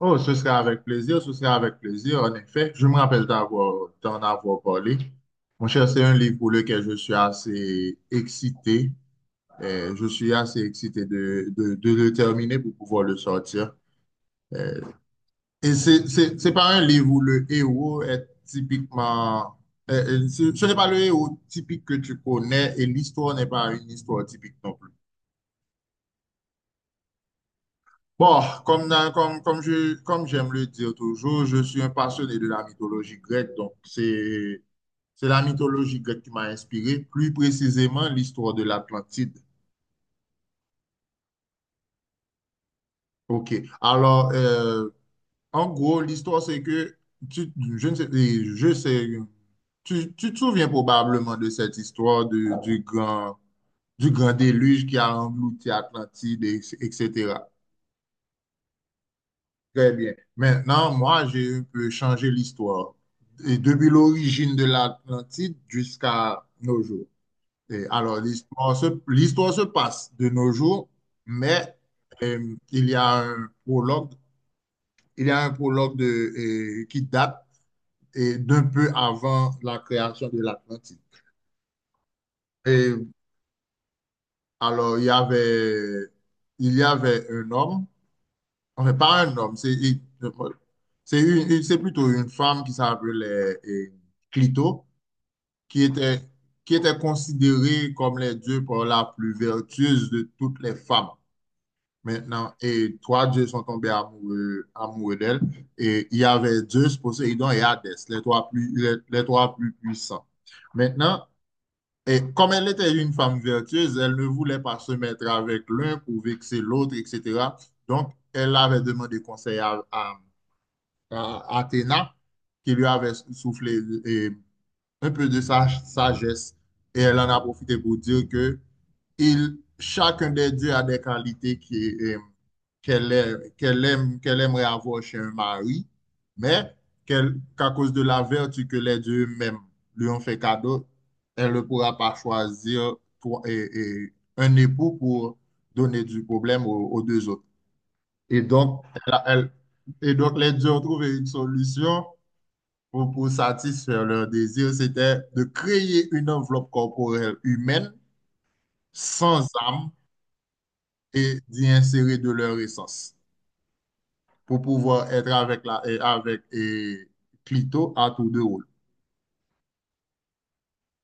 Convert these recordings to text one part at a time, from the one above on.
Oh, ce serait avec plaisir, ce serait avec plaisir, en effet. Je me rappelle d'en avoir parlé. Mon cher, c'est un livre pour lequel je suis assez excité. Je suis assez excité de le terminer pour pouvoir le sortir. Euh, et c'est pas un livre où le héros est typiquement... ce n'est pas le héros typique que tu connais et l'histoire n'est pas une histoire typique non plus. Bon, comme comme j'aime le dire toujours, je suis un passionné de la mythologie grecque, c'est la mythologie grecque qui m'a inspiré, plus précisément l'histoire de l'Atlantide. OK. Alors, en gros, l'histoire, c'est que, tu, je ne sais, et je sais, tu te souviens probablement de du grand déluge qui a englouti Atlantide, etc. Très bien. Maintenant, moi, j'ai un peu changé l'histoire. Et depuis l'origine de l'Atlantide jusqu'à nos jours. Et alors, l'histoire se passe de nos jours, mais euh, il y a un prologue, il y a un prologue qui date d'un peu avant la création de l'Atlantide. Et alors, il y avait un homme. Enfin, pas un homme, c'est il- c'est une- c'est plutôt une femme qui s'appelait Clito, qui était, qui était considérée comme les dieux pour la plus vertueuse de toutes les femmes. Maintenant, et trois dieux sont tombés amoureux d'elle. Et il y avait Zeus, Poséidon et Hadès, les trois plus puissants. Maintenant, et comme elle était une femme vertueuse, elle ne voulait pas se mettre avec l'un pour vexer l'autre, etc. Donc, elle avait demandé conseil à Athéna qui lui avait soufflé et un peu de sa sagesse et elle en a profité pour dire que chacun des dieux a des qualités qui, qu'elle aimerait avoir chez un mari, mais qu'à cause de la vertu que les dieux eux-mêmes lui ont fait cadeau, elle ne pourra pas choisir un époux pour donner du problème aux deux autres. Et donc, elle a- elle- et donc, les deux ont trouvé une solution pour satisfaire leur désir. C'était de créer une enveloppe corporelle humaine, sans âme, et d'y insérer de leur essence pour pouvoir être avec, la, et avec et Clito à tour de rôle.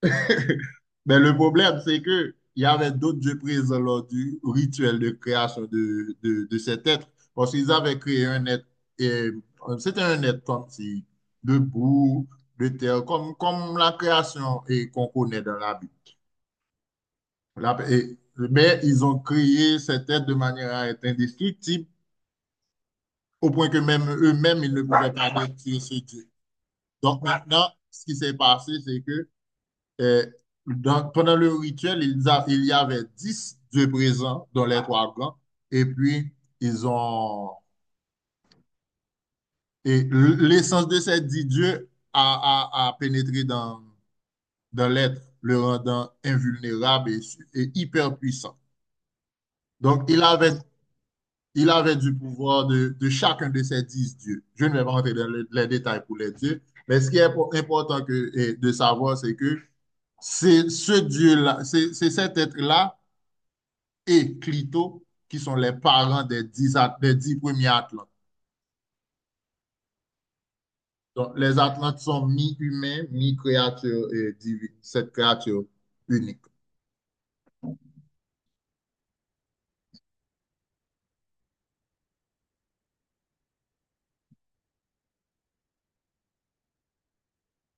Mais le problème, c'est que il y avait d'autres dieux présents lors du rituel de création de cet être. Parce qu'ils avaient créé un être, et, c'était un être comme si, de boue, de terre, comme la création qu'on connaît dans la Bible. Mais ils ont créé cet être de manière à être indestructible, au point que même eux-mêmes, ils ne pouvaient pas détruire ce Dieu. Donc maintenant, ce qui s'est passé, c'est que. Et donc, pendant le rituel, il y avait dix dieux présents dans les trois camps. Et puis, ils ont. L'essence de ces dix dieux a pénétré dans l'être, le rendant invulnérable et hyper puissant. Donc, il avait du pouvoir de chacun de ces dix dieux. Je ne vais pas rentrer dans les détails pour les dieux, mais ce qui est important que, et de savoir, c'est que c'est ce dieu-là, c'est cet être-là et Clito, qui sont les parents des dix premiers Atlantes. Donc, les Atlantes sont mi-humains, mi-créatures et cette créature unique.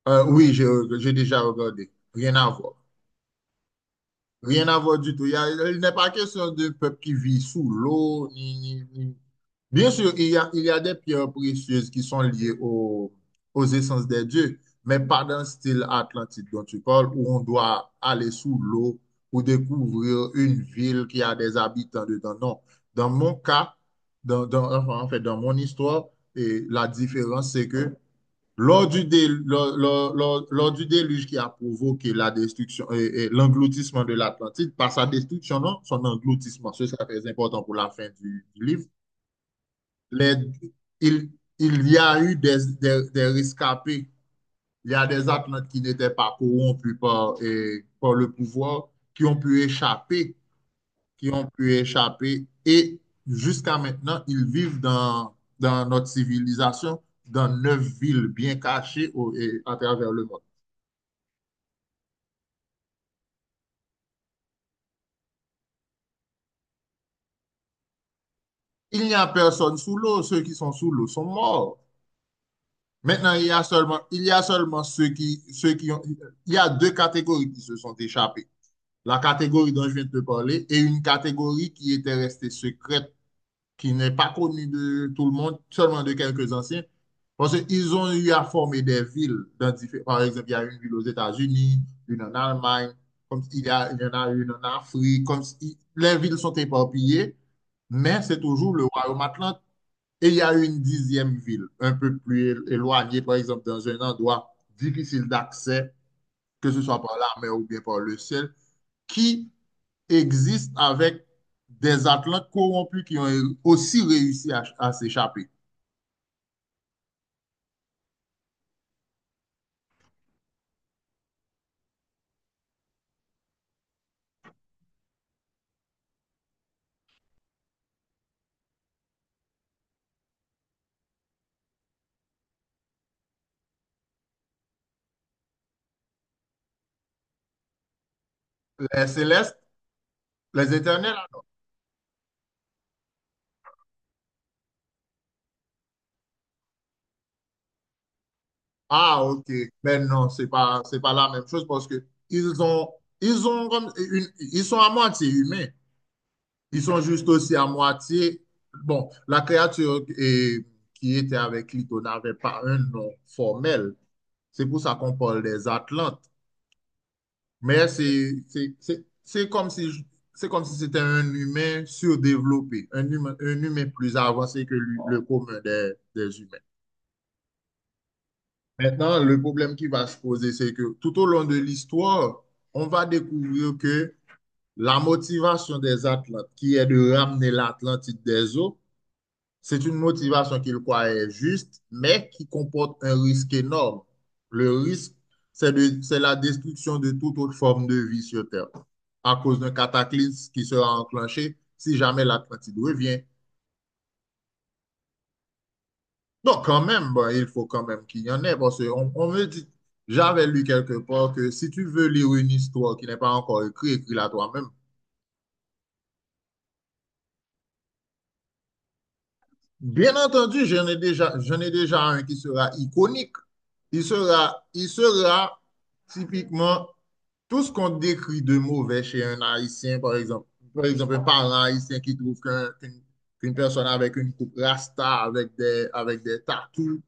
Oui, j'ai déjà regardé. Rien à voir. Rien à voir du tout. Il n'est pas question de peuple qui vit sous l'eau, bien sûr, il y a des pierres précieuses qui sont liées aux essences des dieux, mais pas dans le style atlantique dont tu parles, où on doit aller sous l'eau pour découvrir une ville qui a des habitants dedans. Non. Dans mon cas, enfin, en fait, dans mon histoire, et la différence, c'est que lors du, dé- lors- lors- lors- du déluge qui a provoqué la destruction et l'engloutissement de l'Atlantide, par sa destruction, non, son engloutissement, ce sera très important pour la fin du livre. Les- il, il y a eu des rescapés, il y a des Atlantes qui n'étaient pas corrompus par le pouvoir, qui ont pu échapper, qui ont pu échapper, et jusqu'à maintenant, ils vivent dans notre civilisation, dans neuf villes bien cachées à travers le monde. Il n'y a personne sous l'eau. Ceux qui sont sous l'eau sont morts. Maintenant, il y a seulement ceux qui ont, il y a deux catégories qui se sont échappées. La catégorie dont je viens de te parler et une catégorie qui était restée secrète, qui n'est pas connue de tout le monde, seulement de quelques anciens. Parce qu'ils ont eu à former des villes. Par exemple, il y a une ville aux États-Unis, une en Allemagne, comme il y en a une en Afrique, comme si les villes sont éparpillées, mais c'est toujours le royaume atlantique et il y a une dixième ville, un peu plus éloignée, par exemple, dans un endroit difficile d'accès, que ce soit par la mer ou bien par le ciel, qui existe avec des Atlantes corrompus qui ont aussi réussi à s'échapper. Les célestes, les éternels, ah ok, mais non, c'est pas la même chose parce que ils ont, ils ont comme une- ils sont à moitié humains. Ils sont juste aussi à moitié. Bon, la créature eh, qui était avec Clito n'avait pas un nom formel. C'est pour ça qu'on parle des Atlantes. Mais c'est comme si c'était un humain surdéveloppé, un humain plus avancé que le commun des humains. Maintenant, le problème qui va se poser, c'est que tout au long de l'histoire, on va découvrir que la motivation des Atlantes, qui est de ramener l'Atlantide des eaux, c'est une motivation qu'il croit juste, mais qui comporte un risque énorme. Le risque, c'est la destruction de toute autre forme de vie sur Terre à cause d'un cataclysme qui sera enclenché si jamais l'Atlantide revient. Donc, quand même, bon, il faut quand même qu'il y en ait parce qu'on on me dit, j'avais lu quelque part que si tu veux lire une histoire qui n'est pas encore écrite, écris-la toi-même. Bien entendu, j'en ai déjà un qui sera iconique. Il sera typiquement tout ce qu'on décrit de mauvais chez un Haïtien, par exemple. Par exemple, un parent haïtien qui trouve qu'une personne avec une coupe rasta, avec des tattoos,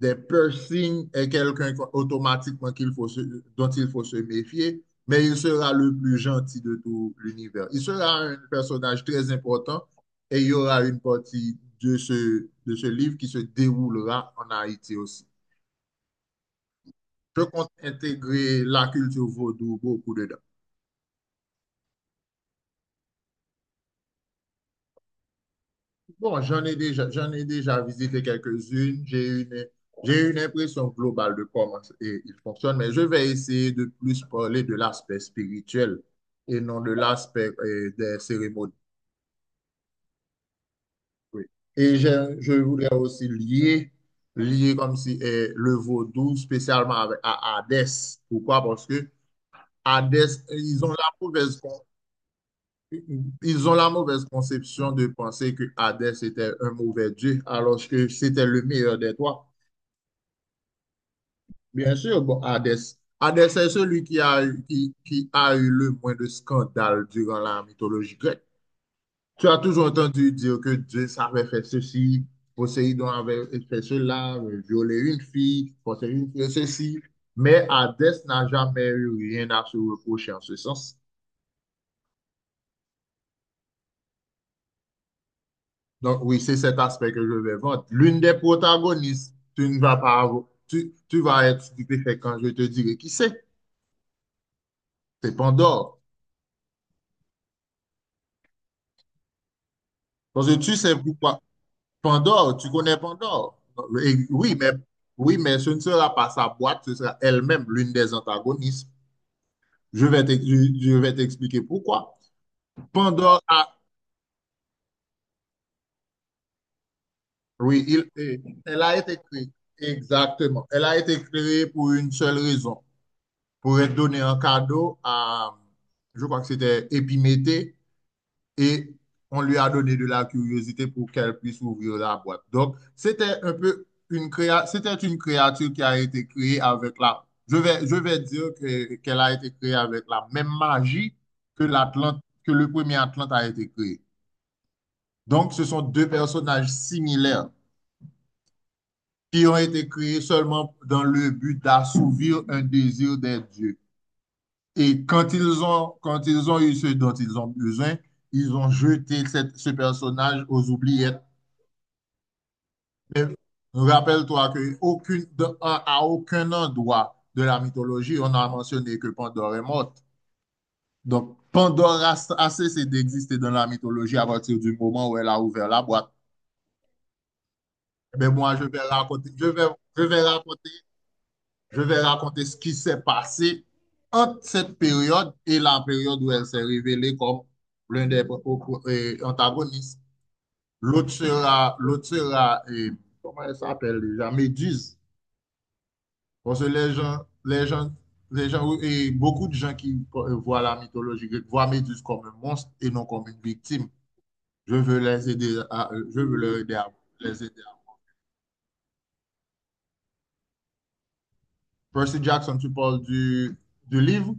des piercings, est quelqu'un automatiquement dont il faut se méfier, mais il sera le plus gentil de tout l'univers. Il sera un personnage très important et il y aura une partie de ce livre qui se déroulera en Haïti aussi. Je compte intégrer la culture vaudou beaucoup dedans. Bon, j'en ai déjà visité quelques-unes. J'ai une impression globale de comment il fonctionne, mais je vais essayer de plus parler de l'aspect spirituel et non de l'aspect des cérémonies. Oui. Et je voudrais aussi lier, lier comme si le vaudou spécialement à Hadès. Pourquoi? Parce que Hadès, ils ont ils ont la mauvaise conception de penser que Hadès était un mauvais dieu, alors que c'était le meilleur des trois. Bien sûr, bon, Hadès est celui qui a eu, qui a eu le moins de scandales durant la mythologie grecque. Tu as toujours entendu dire que Dieu savait faire ceci, Poséidon avait fait cela, violer une fille, Poséidon fait ceci, mais Hadès n'a jamais eu rien à se reprocher en ce sens. Donc, oui, c'est cet aspect que je vais vendre. L'une des protagonistes, tu ne vas pas avoir, tu vas être stupéfait quand je te dirai qui c'est. C'est Pandore. Parce que tu sais pourquoi. Pandore, tu connais Pandore. Et oui, mais ce ne sera pas sa boîte, ce sera elle-même l'une des antagonistes. Je vais t'expliquer pourquoi. Pandore a, oui, il- elle a été créée. Exactement. Elle a été créée pour une seule raison, pour donner un cadeau à, je crois que c'était Épiméthée, et on lui a donné de la curiosité pour qu'elle puisse ouvrir la boîte. Donc, c'était un peu c'était une créature qui a été créée avec la, je vais dire qu'elle a été créée avec la même magie que l'Atlante, que le premier Atlante a été créé. Donc, ce sont deux personnages similaires qui ont été créés seulement dans le but d'assouvir un désir des dieux. Et quand ils ont eu ce dont ils ont besoin, ils ont jeté ce personnage aux oubliettes. Mais rappelle-toi qu'aucune, à aucun endroit de la mythologie, on a mentionné que Pandore est morte. Donc, Pandore a, a cessé d'exister dans la mythologie à partir du moment où elle a ouvert la boîte. Mais moi, je vais raconter je vais raconter ce qui s'est passé entre cette période et la période où elle s'est révélée comme l'un des antagonistes. L'autre sera, et, comment elle s'appelle déjà, Méduse. Parce que les gens, oui, et beaucoup de gens qui voient la mythologie grecque voient Méduse comme un monstre et non comme une victime. Je veux leur aider à, les aider à. Percy Jackson, tu parles du livre?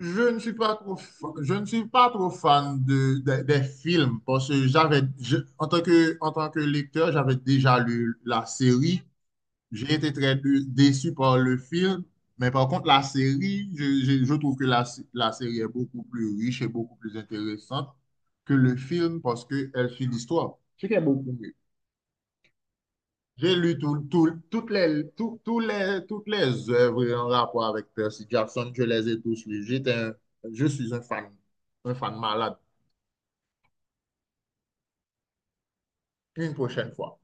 Je ne suis pas trop fan des films parce que en tant que, en tant que lecteur, j'avais déjà lu la série. J'ai été très dé- déçu par le film, mais par contre, la série, je trouve que la série est beaucoup plus riche et beaucoup plus intéressante que le film parce qu'elle suit l'histoire, ce qui est beaucoup mieux. J'ai lu tout- tout- Toutes les, toutes les œuvres en rapport avec Percy Jackson. Je les ai tous lus. Je suis un fan malade. Une prochaine fois.